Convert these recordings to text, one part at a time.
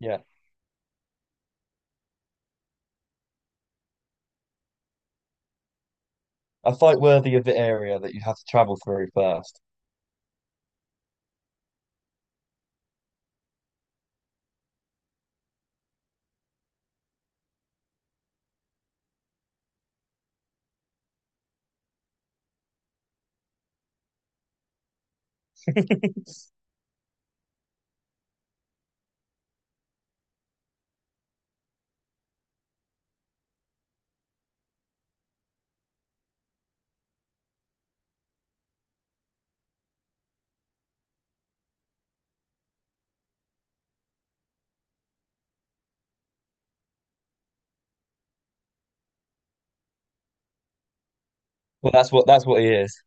Yeah. A fight worthy of the area that you have to travel through first. Well, that's what he is.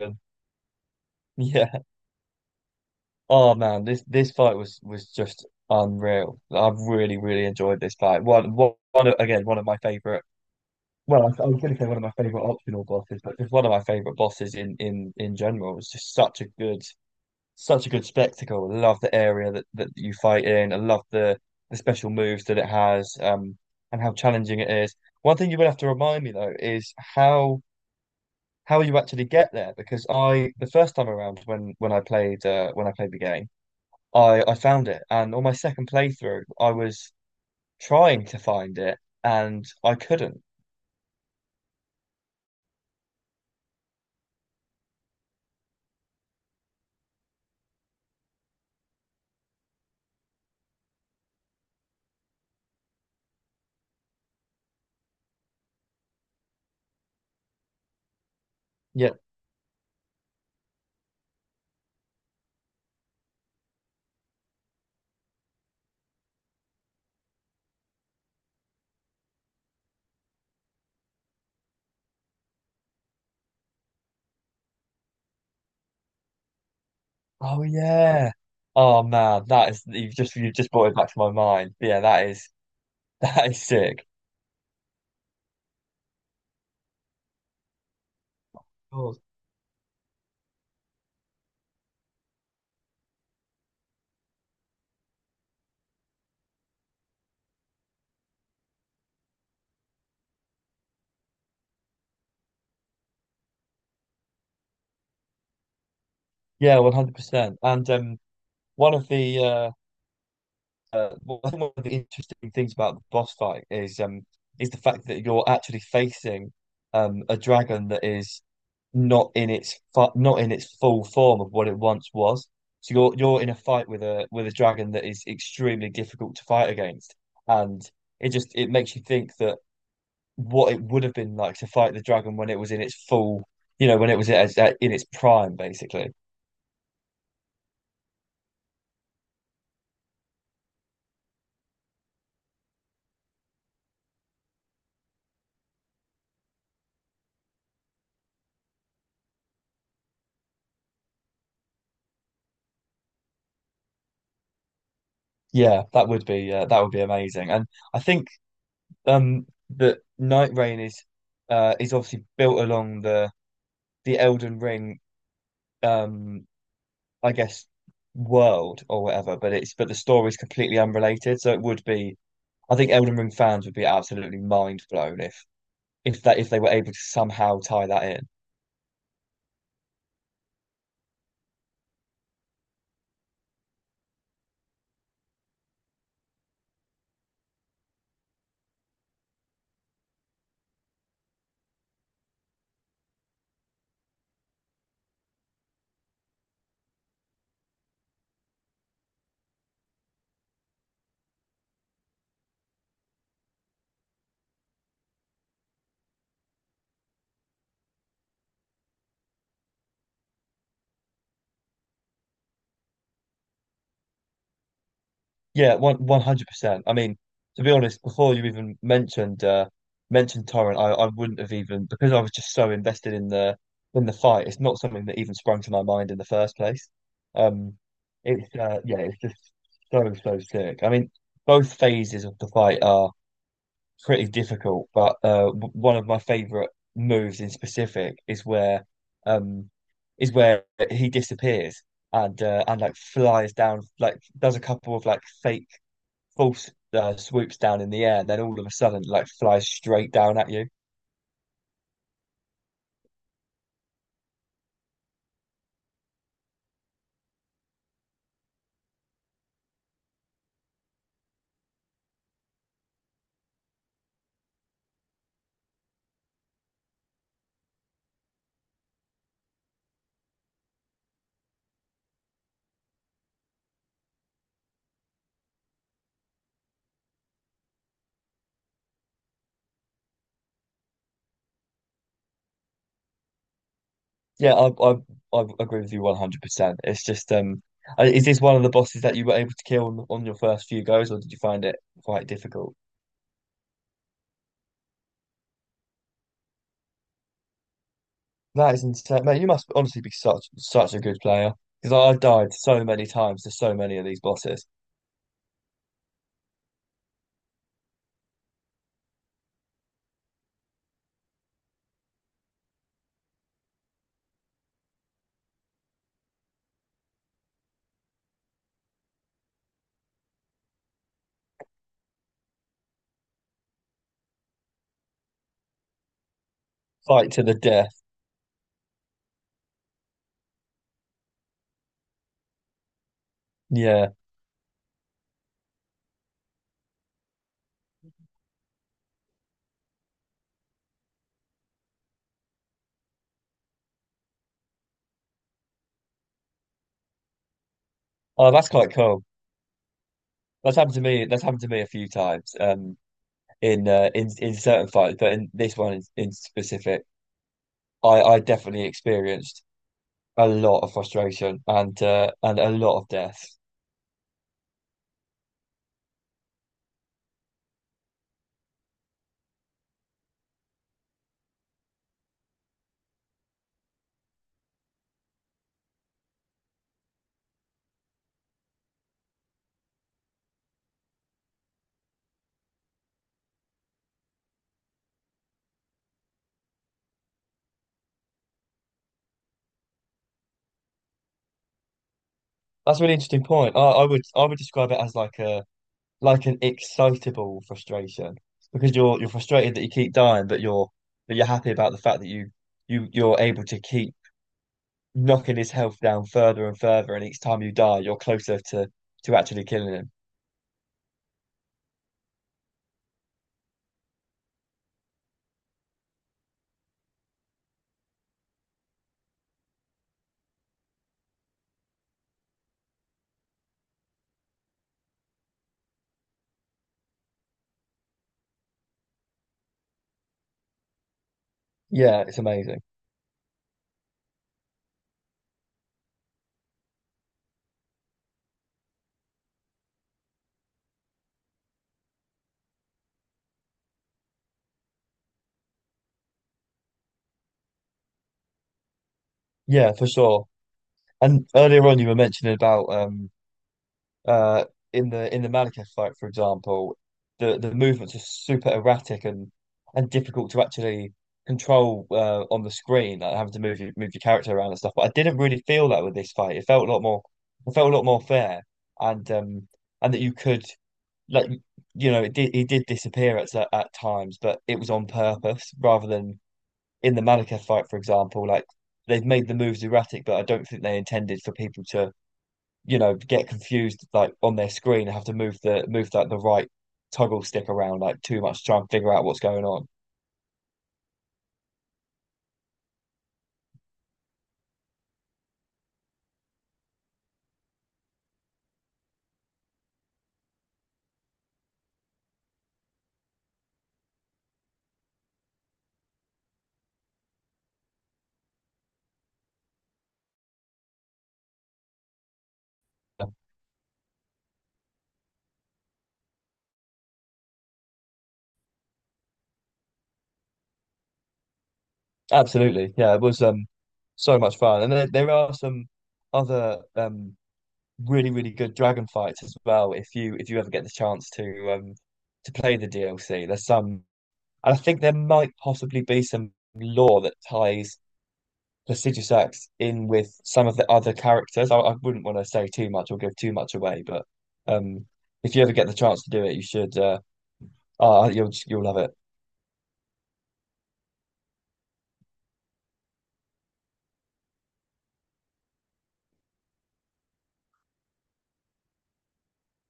Yeah. Oh man, this fight was just unreal. I really enjoyed this fight. One of my favorite. Well, I was going to say one of my favorite optional bosses, but just one of my favorite bosses in general. It was just such a good spectacle. I love the area that you fight in. I love the special moves that it has, and how challenging it is. One thing you will have to remind me though is how you actually get there because I the first time around when I played when I played the game. I found it, and on my second playthrough I was trying to find it and I couldn't yet. Oh yeah. Oh man, that is, you've just brought it back to my mind. Yeah, that is, that is sick. God. Yeah, 100% and one of the I think one of the interesting things about the boss fight is the fact that you're actually facing a dragon that is not in its full form of what it once was. So you're in a fight with a dragon that is extremely difficult to fight against, and it just it makes you think that what it would have been like to fight the dragon when it was in its full, you know, when it was in its prime, basically. Yeah, that would be amazing, and I think um that Night Rain is obviously built along the Elden Ring, um I guess, world or whatever, but it's but the story's completely unrelated. So it would be, I think Elden Ring fans would be absolutely mind blown if that if they were able to somehow tie that in. Yeah, one one hundred percent. I mean, to be honest, before you even mentioned mentioned Torrent, I wouldn't have even, because I was just so invested in the fight. It's not something that even sprung to my mind in the first place. Um, it's yeah, it's just so sick. I mean, both phases of the fight are pretty difficult, but one of my favorite moves in specific is um where he disappears and like flies down, like does a couple of like fake false swoops down in the air, then all of a sudden like flies straight down at you. Yeah, I agree with you 100%. It's just is this one of the bosses that you were able to kill on your first few goes, or did you find it quite difficult? That is insane, mate. You must honestly be such a good player because I've died so many times to so many of these bosses. Fight to the death. Yeah. Oh, that's quite cool. That's happened to me. That's happened to me a few times. In in certain fights, but in this one in specific, I definitely experienced a lot of frustration and a lot of death. That's a really interesting point. I would I would describe it as like a like an excitable frustration, because you're frustrated that you keep dying, but you're happy about the fact that you're able to keep knocking his health down further and further, and each time you die, you're closer to actually killing him. Yeah, it's amazing. Yeah, for sure. And earlier on, you were mentioning about uh in the Malekith fight, for example, the movements are super erratic and difficult to actually control on the screen, like having to move your character around and stuff. But I didn't really feel that with this fight. It felt a lot more fair, and um and that you could, like, you know, it did, he did disappear at times, but it was on purpose rather than in the Malekith fight, for example, like they've made the moves erratic, but I don't think they intended for people to, you know, get confused like on their screen and have to move that the right toggle stick around like too much to try and figure out what's going on. Absolutely. Yeah, it was so much fun. And there are some other really, really good dragon fights as well if you ever get the chance to play the DLC. There's some, and I think there might possibly be some lore that ties prestigious acts in with some of the other characters. I wouldn't want to say too much or give too much away, but um, if you ever get the chance to do it, you should. You'll love it.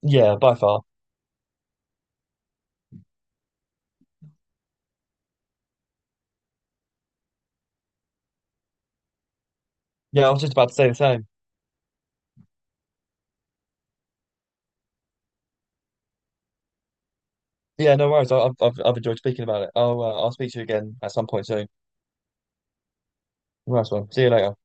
Yeah, by far. Yeah, I was just about to say the same. Yeah, no worries. I've I've enjoyed speaking about it. I'll speak to you again at some point soon. Nice one. See you later.